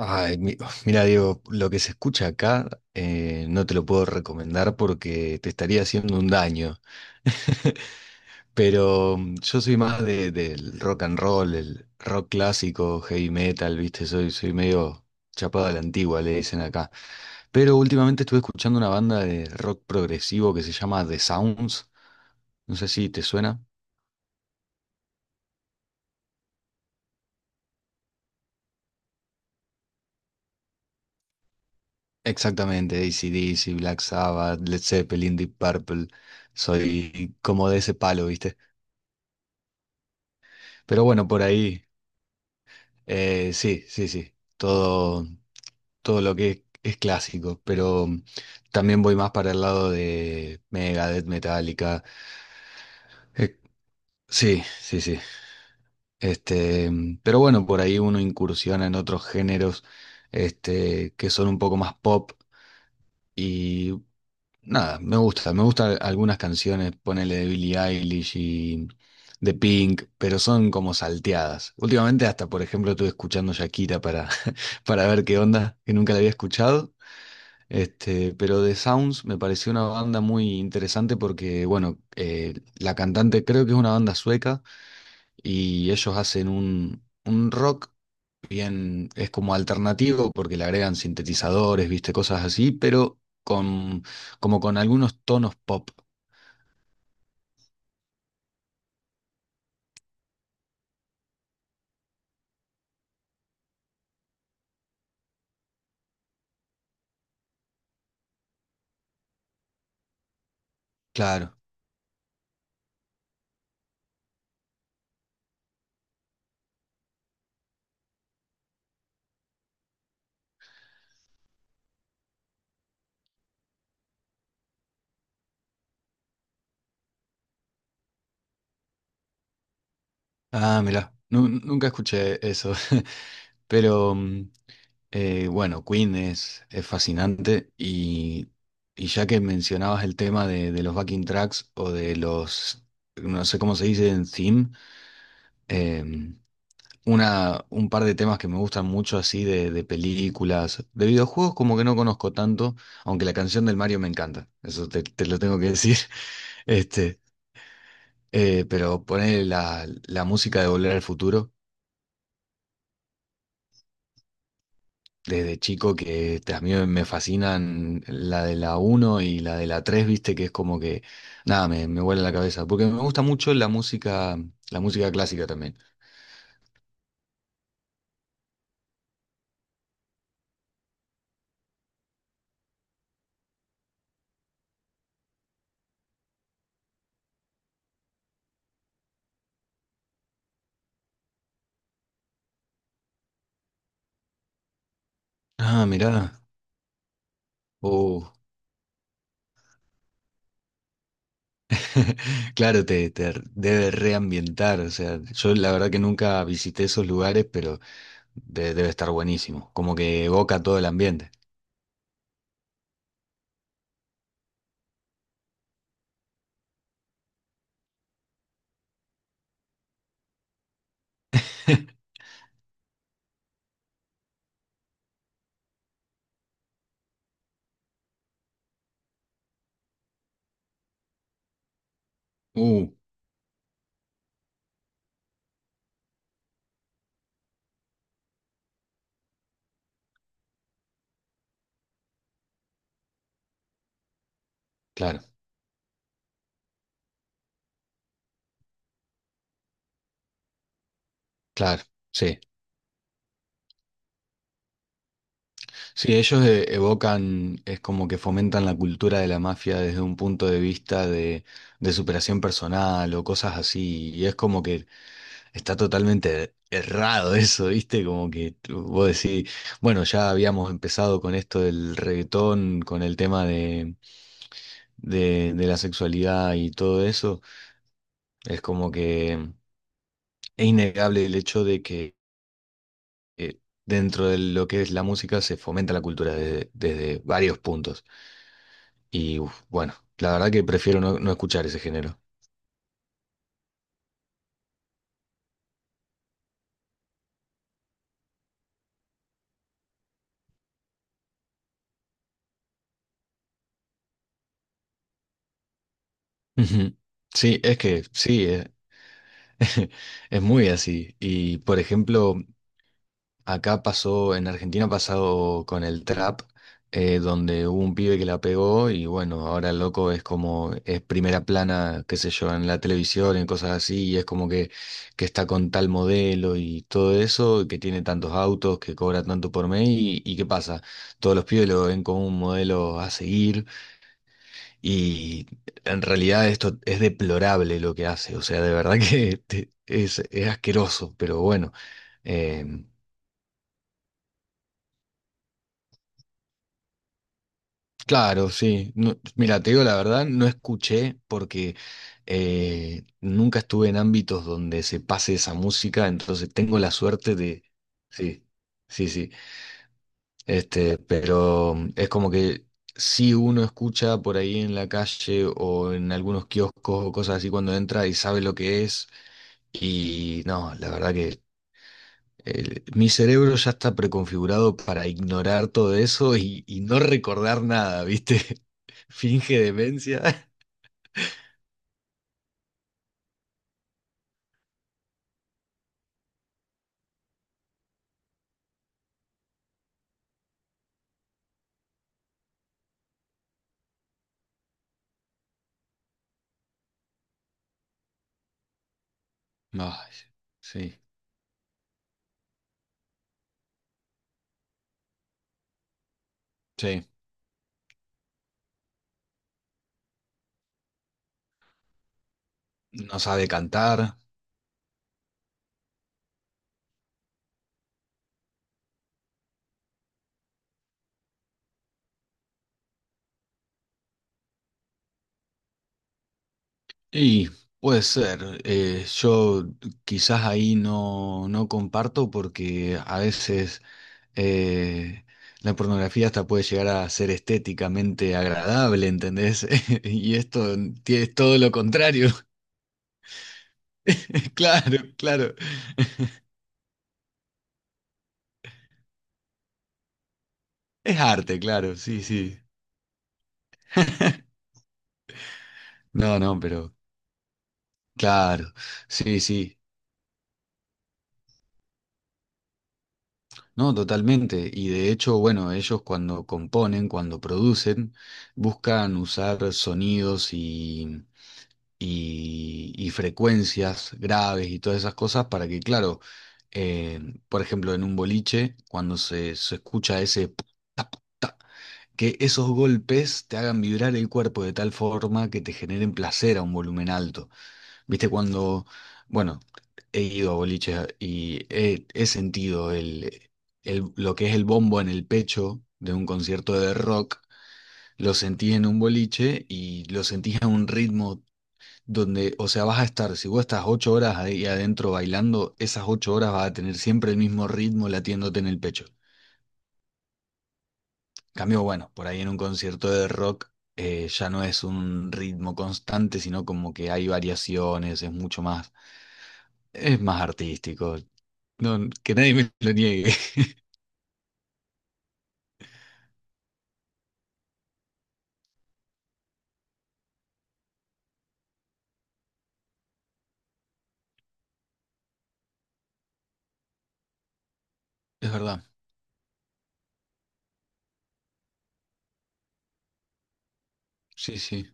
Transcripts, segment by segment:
Ay, mira, Diego, lo que se escucha acá no te lo puedo recomendar porque te estaría haciendo un daño. Pero yo soy más del rock and roll, el rock clásico, heavy metal, ¿viste? Soy medio chapado a la antigua, le dicen acá. Pero últimamente estuve escuchando una banda de rock progresivo que se llama The Sounds. No sé si te suena. Exactamente, AC/DC, Black Sabbath, Led Zeppelin, Deep Purple, soy como de ese palo, ¿viste? Pero bueno, por ahí, sí, sí, sí, todo, todo lo que es clásico, pero también voy más para el lado de Megadeth, Metallica, eh, sí, sí, sí, pero bueno, por ahí uno incursiona en otros géneros, este, que son un poco más pop y nada, me gustan algunas canciones, ponele de Billie Eilish y de Pink, pero son como salteadas. Últimamente hasta, por ejemplo, estuve escuchando Shakira para, para ver qué onda, que nunca la había escuchado. Este, pero The Sounds me pareció una banda muy interesante porque, bueno, la cantante creo que es una banda sueca y ellos hacen un rock bien, es como alternativo porque le agregan sintetizadores, viste, cosas así, pero como con algunos tonos pop, claro. Ah, mirá, nunca escuché eso, pero bueno, Queen es fascinante y ya que mencionabas el tema de los backing tracks o de los, no sé cómo se dice en theme, em, una, un par de temas que me gustan mucho así de películas, de videojuegos como que no conozco tanto, aunque la canción del Mario me encanta, eso te, te lo tengo que decir. este, pero poner la, la música de Volver al Futuro desde chico que este, a mí me fascinan la de la uno y la de la 3 viste, que es como que, nada, me vuela la cabeza, porque me gusta mucho la música clásica también. Ah, mirá, oh. Claro, te, debe reambientar, o sea, yo la verdad que nunca visité esos lugares, pero debe estar buenísimo, como que evoca todo el ambiente. Uh, claro, claro, sí. Sí, ellos evocan, es como que fomentan la cultura de la mafia desde un punto de vista de superación personal o cosas así, y es como que está totalmente errado eso, ¿viste? Como que vos decís, bueno, ya habíamos empezado con esto del reggaetón, con el tema de la sexualidad y todo eso, es como que es innegable el hecho eh, dentro de lo que es la música se fomenta la cultura desde, desde varios puntos. Y uf, bueno, la verdad que prefiero no, no escuchar ese género. Ujú. Sí, es que sí, es muy así. Y por ejemplo, acá pasó, en Argentina ha pasado con el trap, donde hubo un pibe que la pegó y bueno, ahora el loco es como, es primera plana, qué sé yo, en la televisión en cosas así, y es como que está con tal modelo y todo eso, que tiene tantos autos, que cobra tanto por mes y ¿qué pasa? Todos los pibes lo ven como un modelo a seguir y en realidad esto es deplorable lo que hace, o sea, de verdad que es asqueroso, pero bueno. eh, Claro, sí. No, mira, te digo la verdad, no escuché porque nunca estuve en ámbitos donde se pase esa música, entonces tengo la suerte de... Sí, sí, sí. Pero es como que si uno escucha por ahí en la calle o en algunos kioscos o cosas así cuando entra y sabe lo que es, y no, la verdad que mi cerebro ya está preconfigurado para ignorar todo eso y no recordar nada, ¿viste? Finge demencia. Ay, sí, sí. No sabe cantar. Y puede ser. Yo quizás ahí no, no comparto porque a veces eh, la pornografía hasta puede llegar a ser estéticamente agradable, ¿entendés? Y esto es todo lo contrario. Claro, claro. Es arte, claro, sí, sí. No, no, pero claro, sí, sí, no, totalmente. Y de hecho, bueno, ellos cuando componen, cuando producen, buscan usar sonidos y, y frecuencias graves y todas esas cosas para que, claro, eh, por ejemplo, en un boliche, cuando se escucha ese... p- tap, que esos golpes te hagan vibrar el cuerpo de tal forma que te generen placer a un volumen alto. Viste, cuando, bueno, he ido a boliches y he sentido el, lo que es el bombo en el pecho de un concierto de rock, lo sentís en un boliche y lo sentís a un ritmo donde, o sea, vas a estar, si vos estás ocho horas ahí adentro bailando, esas ocho horas vas a tener siempre el mismo ritmo latiéndote en el pecho. Cambio, bueno, por ahí en un concierto de rock ya no es un ritmo constante, sino como que hay variaciones, es mucho más... Es más artístico. No, que nadie me lo niegue. Es verdad. Sí, sí.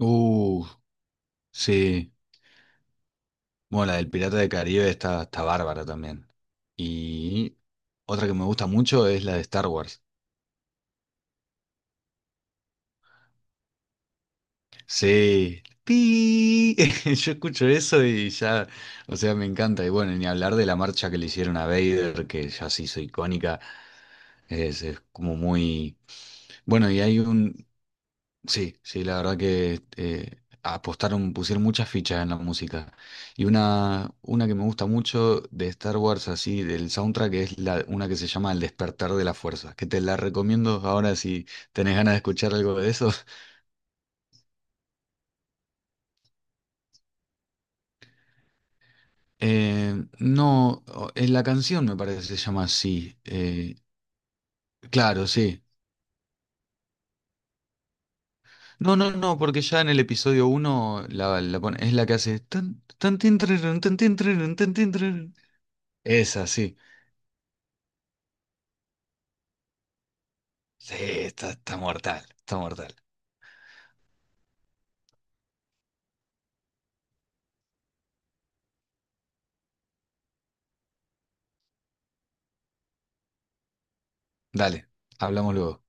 Uh, sí. Bueno, la del Pirata de Caribe está, está bárbara también. Y otra que me gusta mucho es la de Star Wars. Sí. Pi. Yo escucho eso y ya, o sea, me encanta. Y bueno, ni hablar de la marcha que le hicieron a Vader, que ya se hizo icónica, es como muy... Bueno, y hay un, sí, sí, la verdad que apostaron, pusieron muchas fichas en la música. Y una que me gusta mucho de Star Wars, así, del soundtrack, es la, una que se llama El despertar de la fuerza, que te la recomiendo ahora si tenés ganas de escuchar algo de eso. No, en la canción me parece que se llama así. Claro, sí. No, no, no, porque ya en el episodio uno la, es la que hace... tan, tan, tin, trarun, tan, tin, trarun, tan, tin, trarun. Esa, sí. Sí, está, está mortal, está mortal. Dale, hablamos luego.